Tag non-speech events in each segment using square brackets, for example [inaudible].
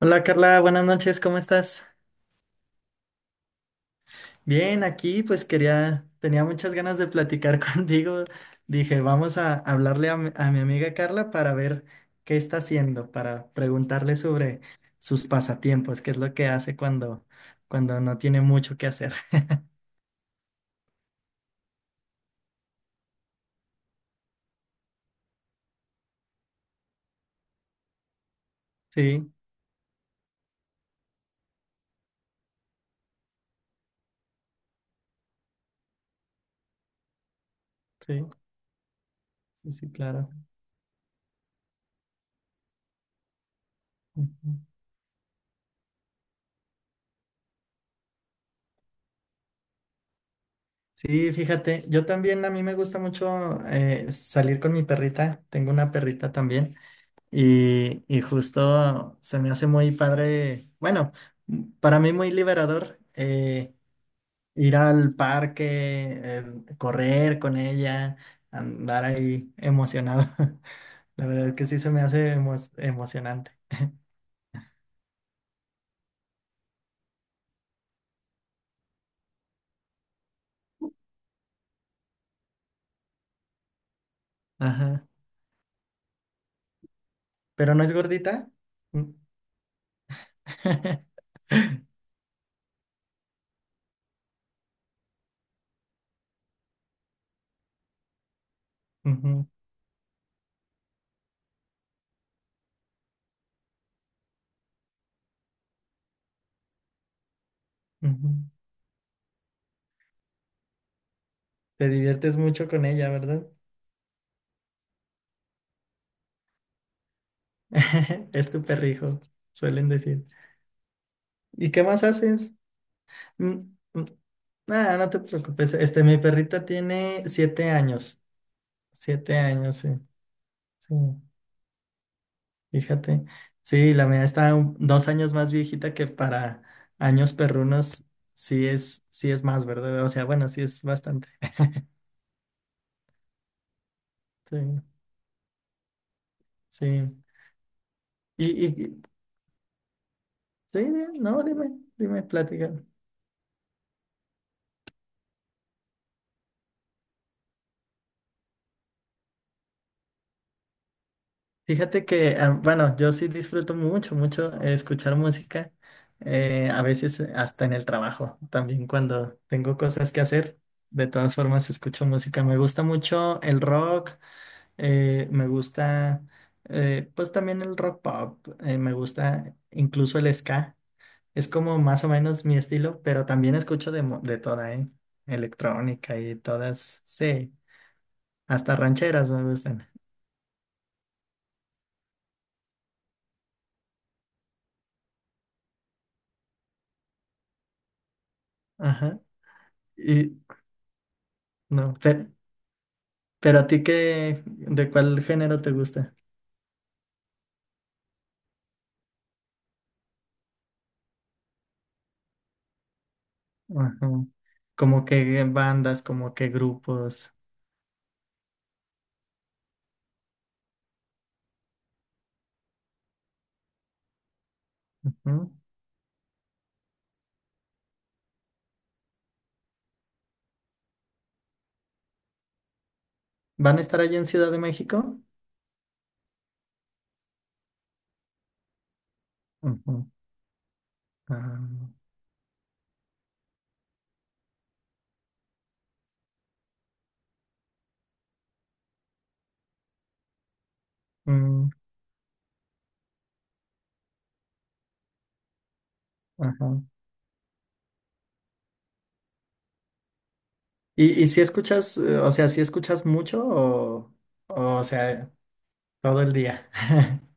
Hola Carla, buenas noches, ¿cómo estás? Bien, aquí pues quería, tenía muchas ganas de platicar [laughs] contigo. Dije, vamos a hablarle a mi amiga Carla para ver qué está haciendo, para preguntarle sobre sus pasatiempos, qué es lo que hace cuando no tiene mucho que hacer. [laughs] Sí, sí, sí, sí, claro. Ujú. Sí, fíjate, yo también a mí me gusta mucho salir con mi perrita, tengo una perrita también. Y justo se me hace muy padre, bueno, para mí muy liberador, ir al parque, el correr con ella, andar ahí emocionado. [laughs] La verdad es que sí se me hace emocionante. Ajá. Pero no es gordita. Mm. [laughs] Ujú, ujú. Te diviertes mucho con ella, ¿verdad? [laughs] Es tu perrijo, suelen decir. ¿Y qué más haces? Mm, mm. Ah, no te preocupes. Este, mi perrita tiene 7 años. Siete años, sí. Sí, fíjate. Sí, la mía está 2 años más viejita que para años perrunos. Sí es más, ¿verdad? O sea, bueno, sí es bastante. Sí, sí. Y- sí, di- no, dime, dime, plática. Fíjate que, ah, bueno, yo sí disfruto mucho, mucho, escuchar música, a veces, hasta en el trabajo, también cuando tengo cosas que hacer, de todas formas escucho música. Me gusta mucho el rock, me gusta, pues también el rock pop, me gusta incluso el ska, es como más o menos mi estilo, pero también escucho de toda, ¿eh? Electrónica y todas, sí, hasta rancheras me gustan. Ajá. Y no, pero a ti qué, ¿de cuál género te gusta? Ajá. Como que bandas, como que grupos. Ujú. ¿Van a estar allá en Ciudad de México? Ujú. Ah, mm, ajá. Y si escuchas, o sea, si escuchas mucho o o sea, todo el día? [laughs]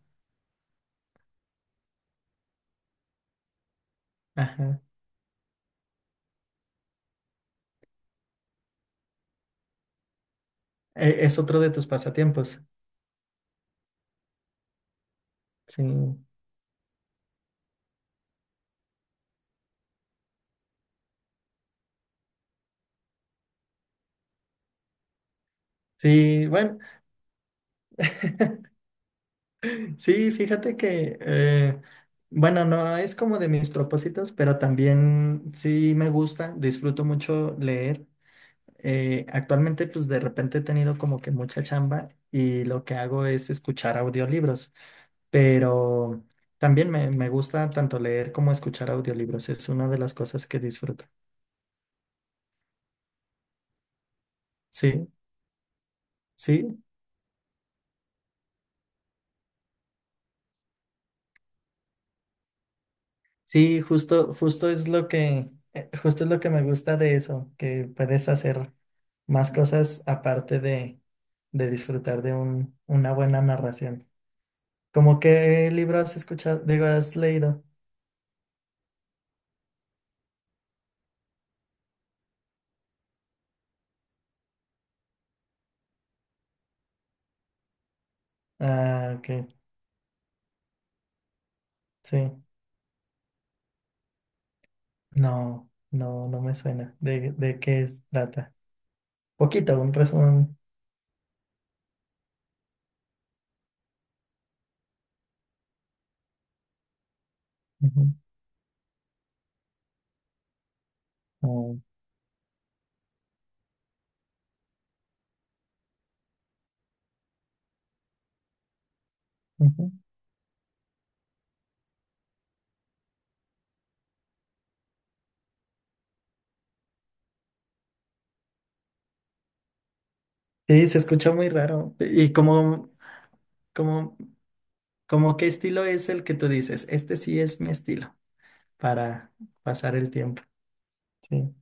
Ajá. E- Es otro de tus pasatiempos. Sí. Sí, bueno. [laughs] Sí, fíjate que, bueno, no es como de mis propósitos, pero también sí me gusta, disfruto mucho leer. Actualmente, pues de repente he tenido como que mucha chamba y lo que hago es escuchar audiolibros, pero también me gusta tanto leer como escuchar audiolibros, es una de las cosas que disfruto. Sí, sí, sí, justo, justo es lo que, justo es lo que me gusta de eso, que puedes hacer más cosas aparte de disfrutar de un, una buena narración. ¿Cómo qué libro has escuchado? Digo, has leído. Ah, ok, sí. No, no, no me suena. De qué trata? Poquito, un resumen. Ujú, oh, ujú. Sí, se escucha muy raro. ¿Y como como qué estilo es el que tú dices? Este sí es mi estilo para pasar el tiempo. Sí.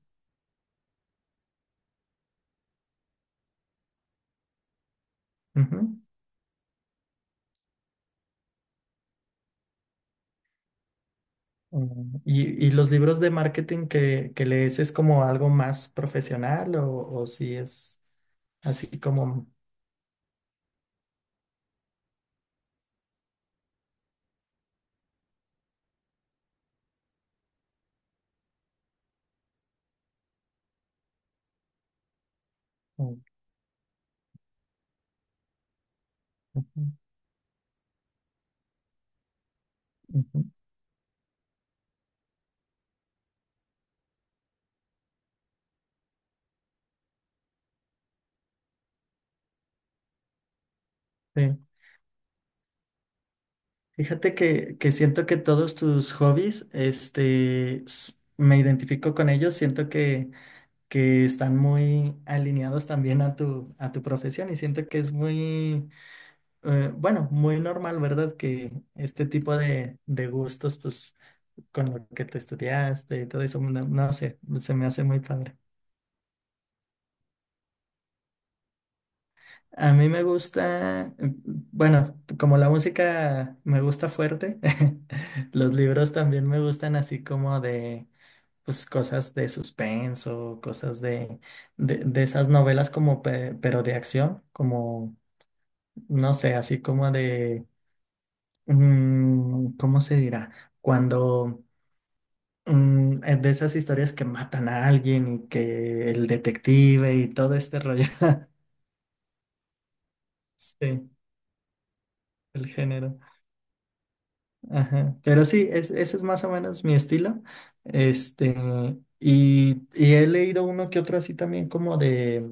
Mm, ¿y, y los libros de marketing que lees es como algo más profesional o si es así como... Mm, ujú, ujú, sí. Fíjate que siento que todos tus hobbies, este, me identifico con ellos, siento que están muy alineados también a tu profesión y siento que es muy, bueno, muy normal, ¿verdad? Que este tipo de gustos, pues con lo que tú estudiaste y todo eso, no, no sé, se me hace muy padre. A mí me gusta, bueno, como la música me gusta fuerte, [laughs] los libros también me gustan así como de, pues cosas de suspenso, cosas de esas novelas como, pero de acción, como, no sé, así como de, mm, ¿cómo se dirá? Cuando... Mm, de esas historias que matan a alguien y que el detective y todo este rollo. [laughs] Sí, el género. Ajá. Pero sí, es, ese es más o menos mi estilo. Este, y he leído uno que otro así también como de,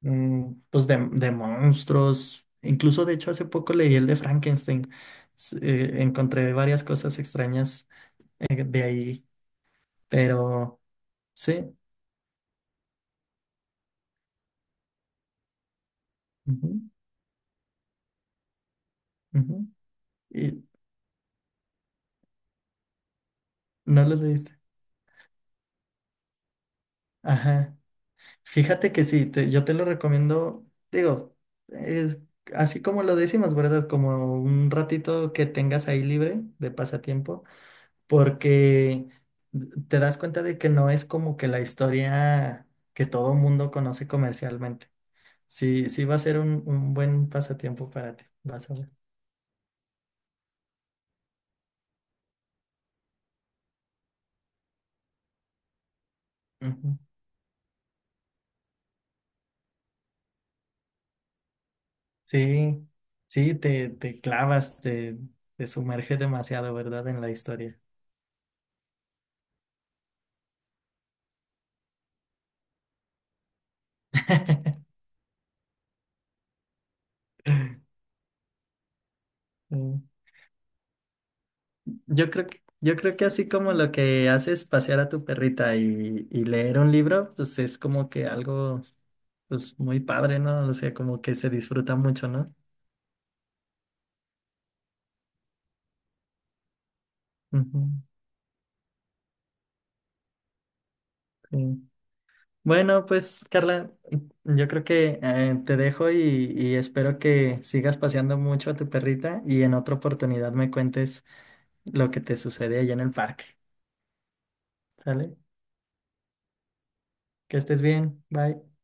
mm, pues de monstruos. Incluso, de hecho, hace poco leí el de Frankenstein. Encontré varias cosas extrañas, de ahí, pero sí. Ujú, ujú. ¿Y no los leíste? Ajá. Fíjate que sí, yo te lo recomiendo, digo, es así como lo decimos, ¿verdad? Como un ratito que tengas ahí libre de pasatiempo, porque te das cuenta de que no es como que la historia que todo mundo conoce comercialmente. Sí, sí va a ser un buen pasatiempo para ti, vas a ver. Ujú. Sí, sí, te clavas, te sumerge demasiado, ¿verdad? En la historia. [laughs] [laughs] Yo creo que así como lo que haces pasear a tu perrita y leer un libro, pues es como que algo pues muy padre, ¿no? O sea, como que se disfruta mucho, ¿no? Ujú, sí. Bueno, pues Carla, yo creo que, te dejo y espero que sigas paseando mucho a tu perrita y en otra oportunidad me cuentes lo que te sucede allá en el parque, ¿sale? Que estés bien, bye.